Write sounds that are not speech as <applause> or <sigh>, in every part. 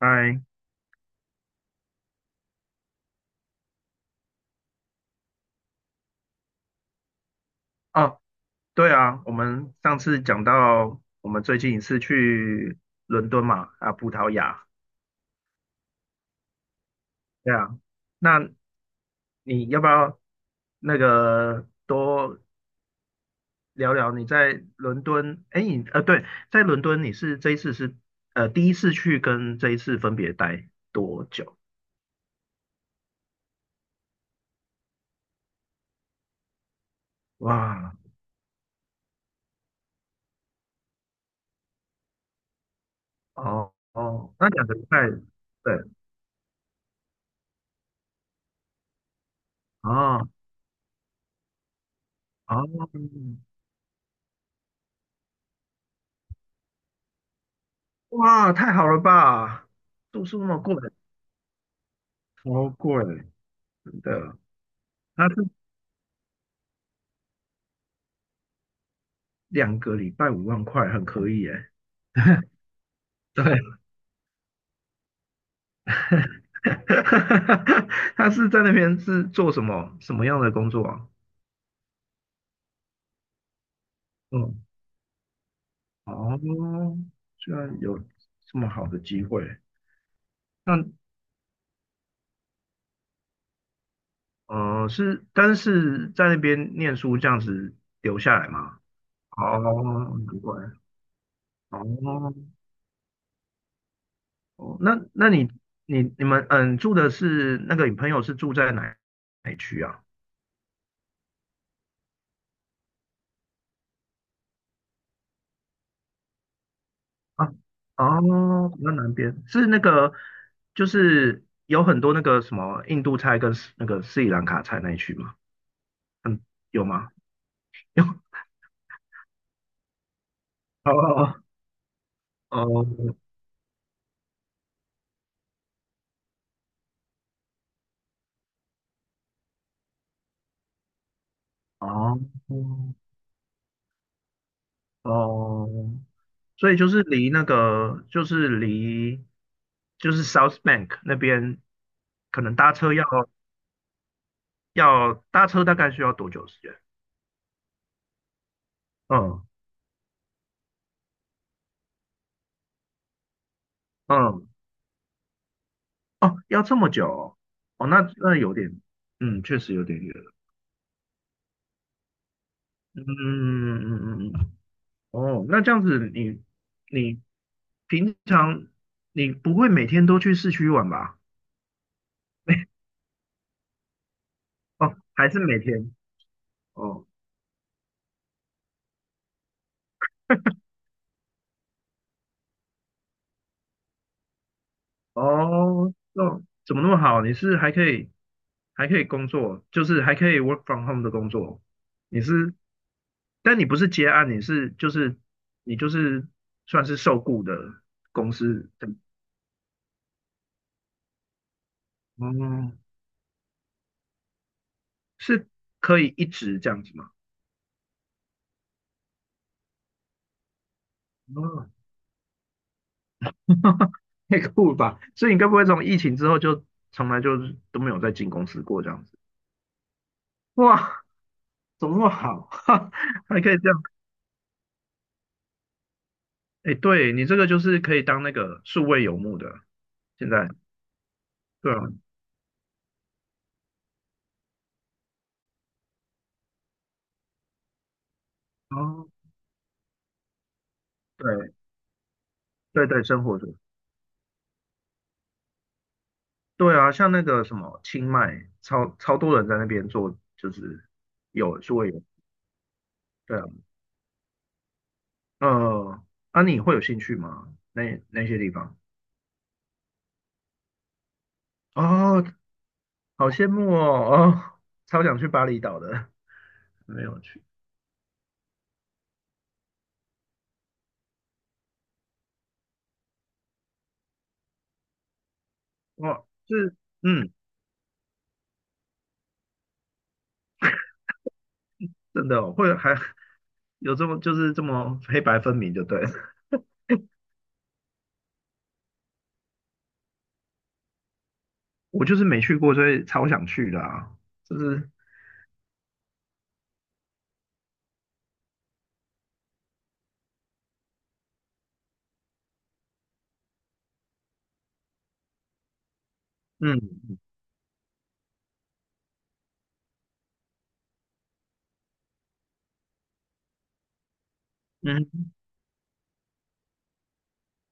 嗨，哦，对啊，我们上次讲到我们最近一次去伦敦嘛，啊，葡萄牙，对啊，那你要不要那个多聊聊你在伦敦？哎，你对，在伦敦你是这一次是第一次去跟这一次分别待多久？哇，哦哦，那两个礼拜，对，哦哦，哇，太好了吧，住宿那么贵，超贵。的，他是两个礼拜5万块，很可以耶。<laughs> 对，<laughs> 他是在那边是做什么样的工作啊？嗯，哦，居然有这么好的机会，那是，但是在那边念书这样子留下来吗？哦，难怪，哦，哦，那你们住的是那个你朋友是住在哪一区啊？啊，哦，比较南边是那个，就是有很多那个什么印度菜跟斯那个斯里兰卡菜那一区吗？嗯，有吗？有，<laughs> 哦哦哦哦哦，所以就是离那个，就是离 South Bank 那边，可能搭车要要搭车大概需要多久时间？嗯嗯，哦，要这么久哦，哦那有点，嗯，确实有点远。嗯嗯嗯嗯，嗯哦，那这样子你平常不会每天都去市区玩吧？哦，还是每天？哦哦，那怎么那么好？你是还可以工作，就是还可以 work from home 的工作。你是，但你不是接案，你算是受雇的公司的。哦，是可以一直这样子吗？哦 <laughs> 太酷了吧！所以你该不会从疫情之后就从来都没有再进公司过这样子？哇，怎么那么好？<laughs> 哈，还可以这样？哎，对你这个就是可以当那个数位游牧的，现在对啊，哦，对对对，生活的对啊，像那个什么清迈，超超多人在那边做，就是有数位游，对啊，呃，啊，你会有兴趣吗？那那些地方？哦，好羡慕哦，哦，超想去巴厘岛的，<laughs> 没有去。哦，是，嗯，真的哦会还有这么黑白分明，就对了 <laughs> 我就是没去过，所以超想去的啊，就是，嗯嗯，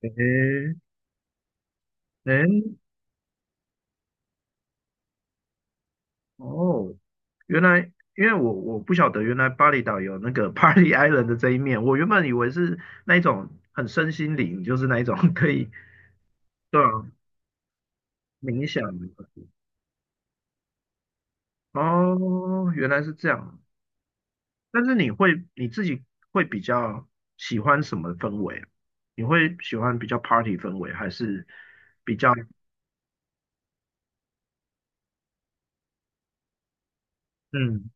诶诶，哦，原来因为我不晓得原来巴厘岛有那个 <laughs> Party Island 的这一面，我原本以为是那一种很身心灵，就是那一种可以，对啊，冥想的。哦，原来是这样，但是你自己会比较喜欢什么氛围？你会喜欢比较 party 氛围，还是比较嗯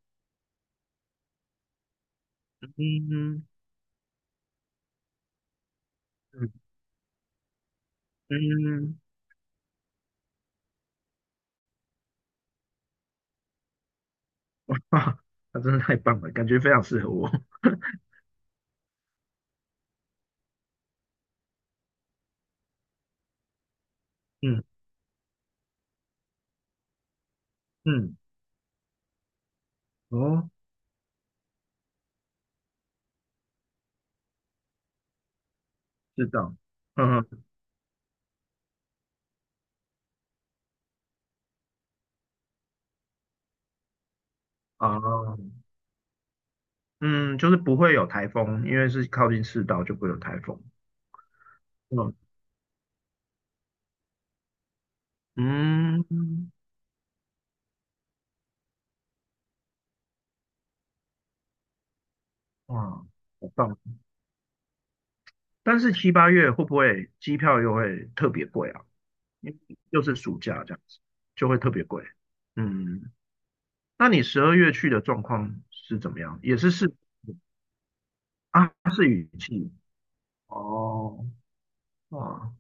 嗯嗯嗯啊？那真的太棒了，感觉非常适合我。<laughs> 嗯嗯，哦，知道。嗯啊嗯，就是不会有台风，因为是靠近赤道就不会有台风。嗯嗯，哇，好棒！但是七八月会不会机票又会特别贵啊？因为又是暑假这样子，就会特别贵。嗯，那你12月去的状况是怎么样？也是啊，是雨季哦哦，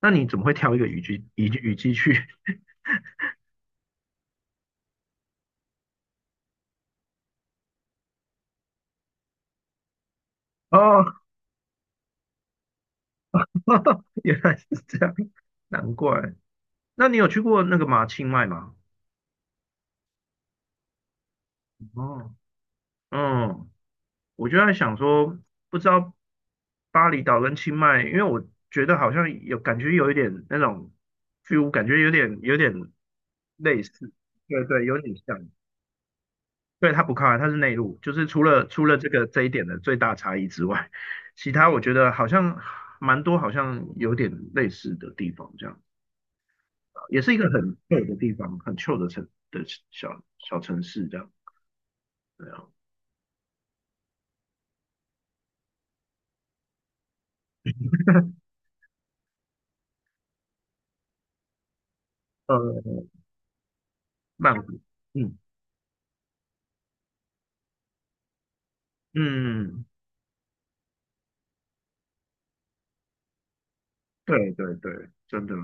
那你怎么会挑一个雨季去？<laughs> 哦，<laughs> 原来是这样，难怪。那你有去过那个清迈吗？哦，嗯，我就在想说，不知道巴厘岛跟清迈，因为我觉得好像有感觉有一点那种 feel，感觉有点类似，对对，有点像。对，它不靠海，它是内陆，就是除了这个这一点的最大差异之外，其他我觉得好像蛮多，好像有点类似的地方，这样子啊，也是一个很旧的地方，很旧的城的小小城市这样，对啊，呃，曼谷，嗯嗯，嗯嗯嗯对对对，真的。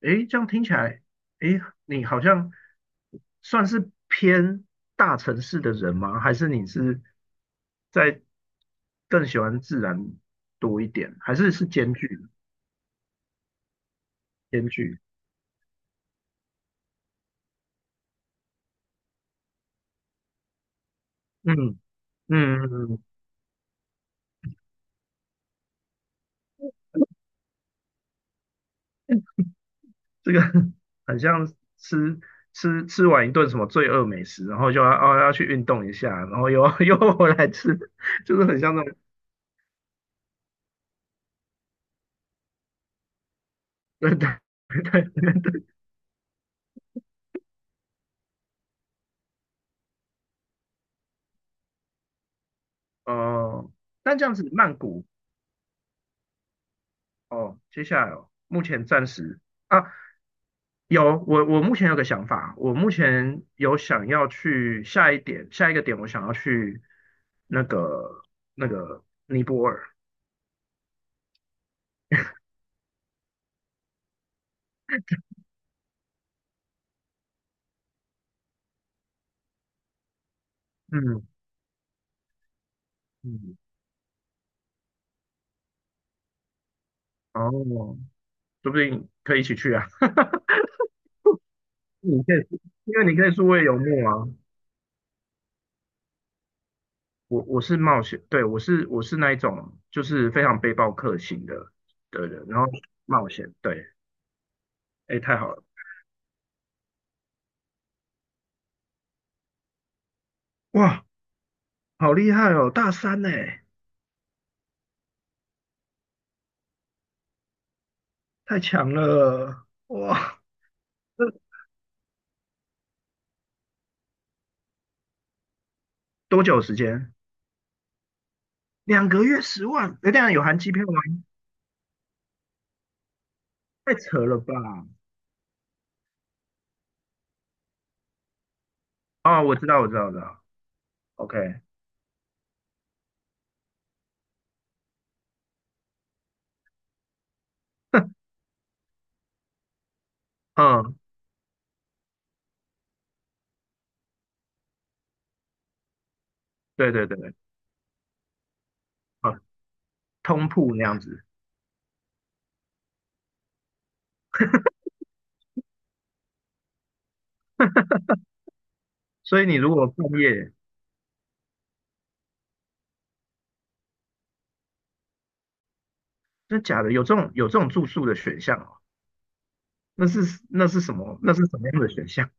诶，这样听起来，诶，你好像算是偏大城市的人吗？还是你是在更喜欢自然多一点？还是兼具？嗯嗯嗯，嗯这个 <laughs> 很像吃吃完一顿什么罪恶美食，然后就要去运动一下，然后又 <laughs> 又回来吃，就是很像那种 <laughs> 对对对哦。但这样子，曼谷哦，接下来哦，目前暂时啊，我目前有个想法，我目前有想要去下一个点，我想要去那个那个尼泊尔，嗯嗯，哦，说不定可以一起去啊，<laughs> 你可以，因为你可以数位游牧啊，我是冒险，对我是那一种就是非常背包客型的人，然后冒险，对，哎，太好了，哇，好厉害哦，大三呢。太强了，哇！这多久时间？2个月10万？哎，这样有含机票吗？太扯了吧！哦，我知道，我知道，我知道。OK，嗯，对对对对，啊，通铺那样子。所以你如果半夜，那假的有这种住宿的选项哦？那是那是什么？那是什么样的选项？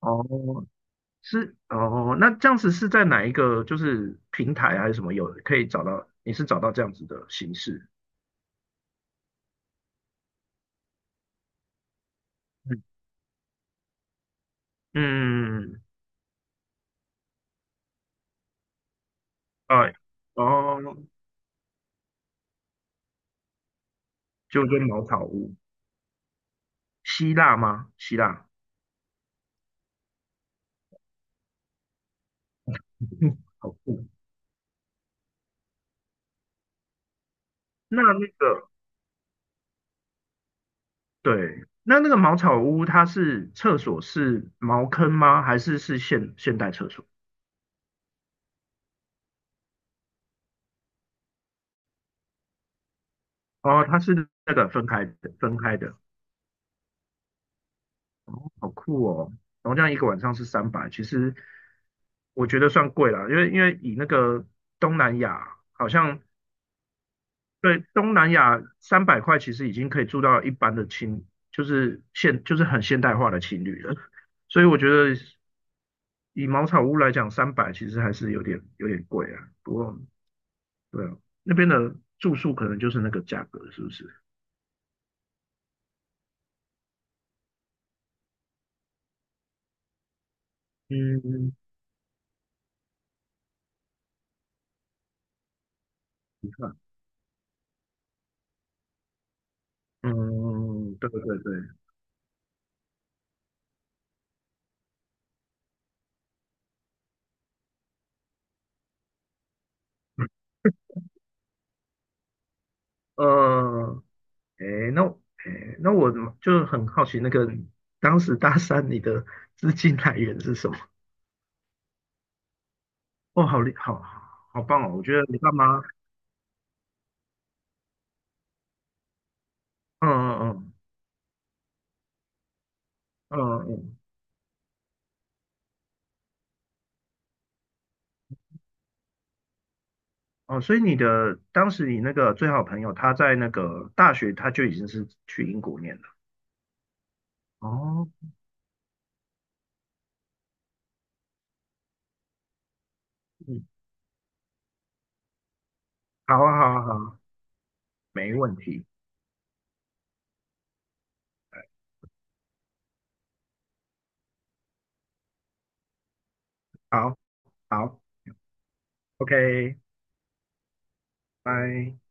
哦，是哦，那这样子是在哪一个就是平台还是什么有可以找到？你是找到这样子的形式？嗯嗯，哎，哦，就跟茅草屋。希腊吗？希腊，<laughs> 好酷。那个对，那个茅草屋，它是厕所是茅坑吗？还是现代厕所？哦，它是那个分开的，分开的，好酷哦。然后这样一个晚上是三百，其实我觉得算贵了，因为以那个东南亚，好像对，东南亚300块其实已经可以住到一般的青，就是很现代化的青旅了。所以我觉得以茅草屋来讲，三百其实还是有点贵啊。不过对啊，那边的住宿可能就是那个价格，是不是？嗯，你看，嗯，对对对，呃，诶，那诶，那我就很好奇，那个当时大三你的资金来源是什么？哦，好厉，好好棒哦！我觉得你爸妈嗯嗯嗯嗯嗯哦，所以当时你那个最好朋友，他在那个大学他就已经是去英国念了。哦，嗯，好啊，好啊，好啊，没问题，好，好，OK，拜。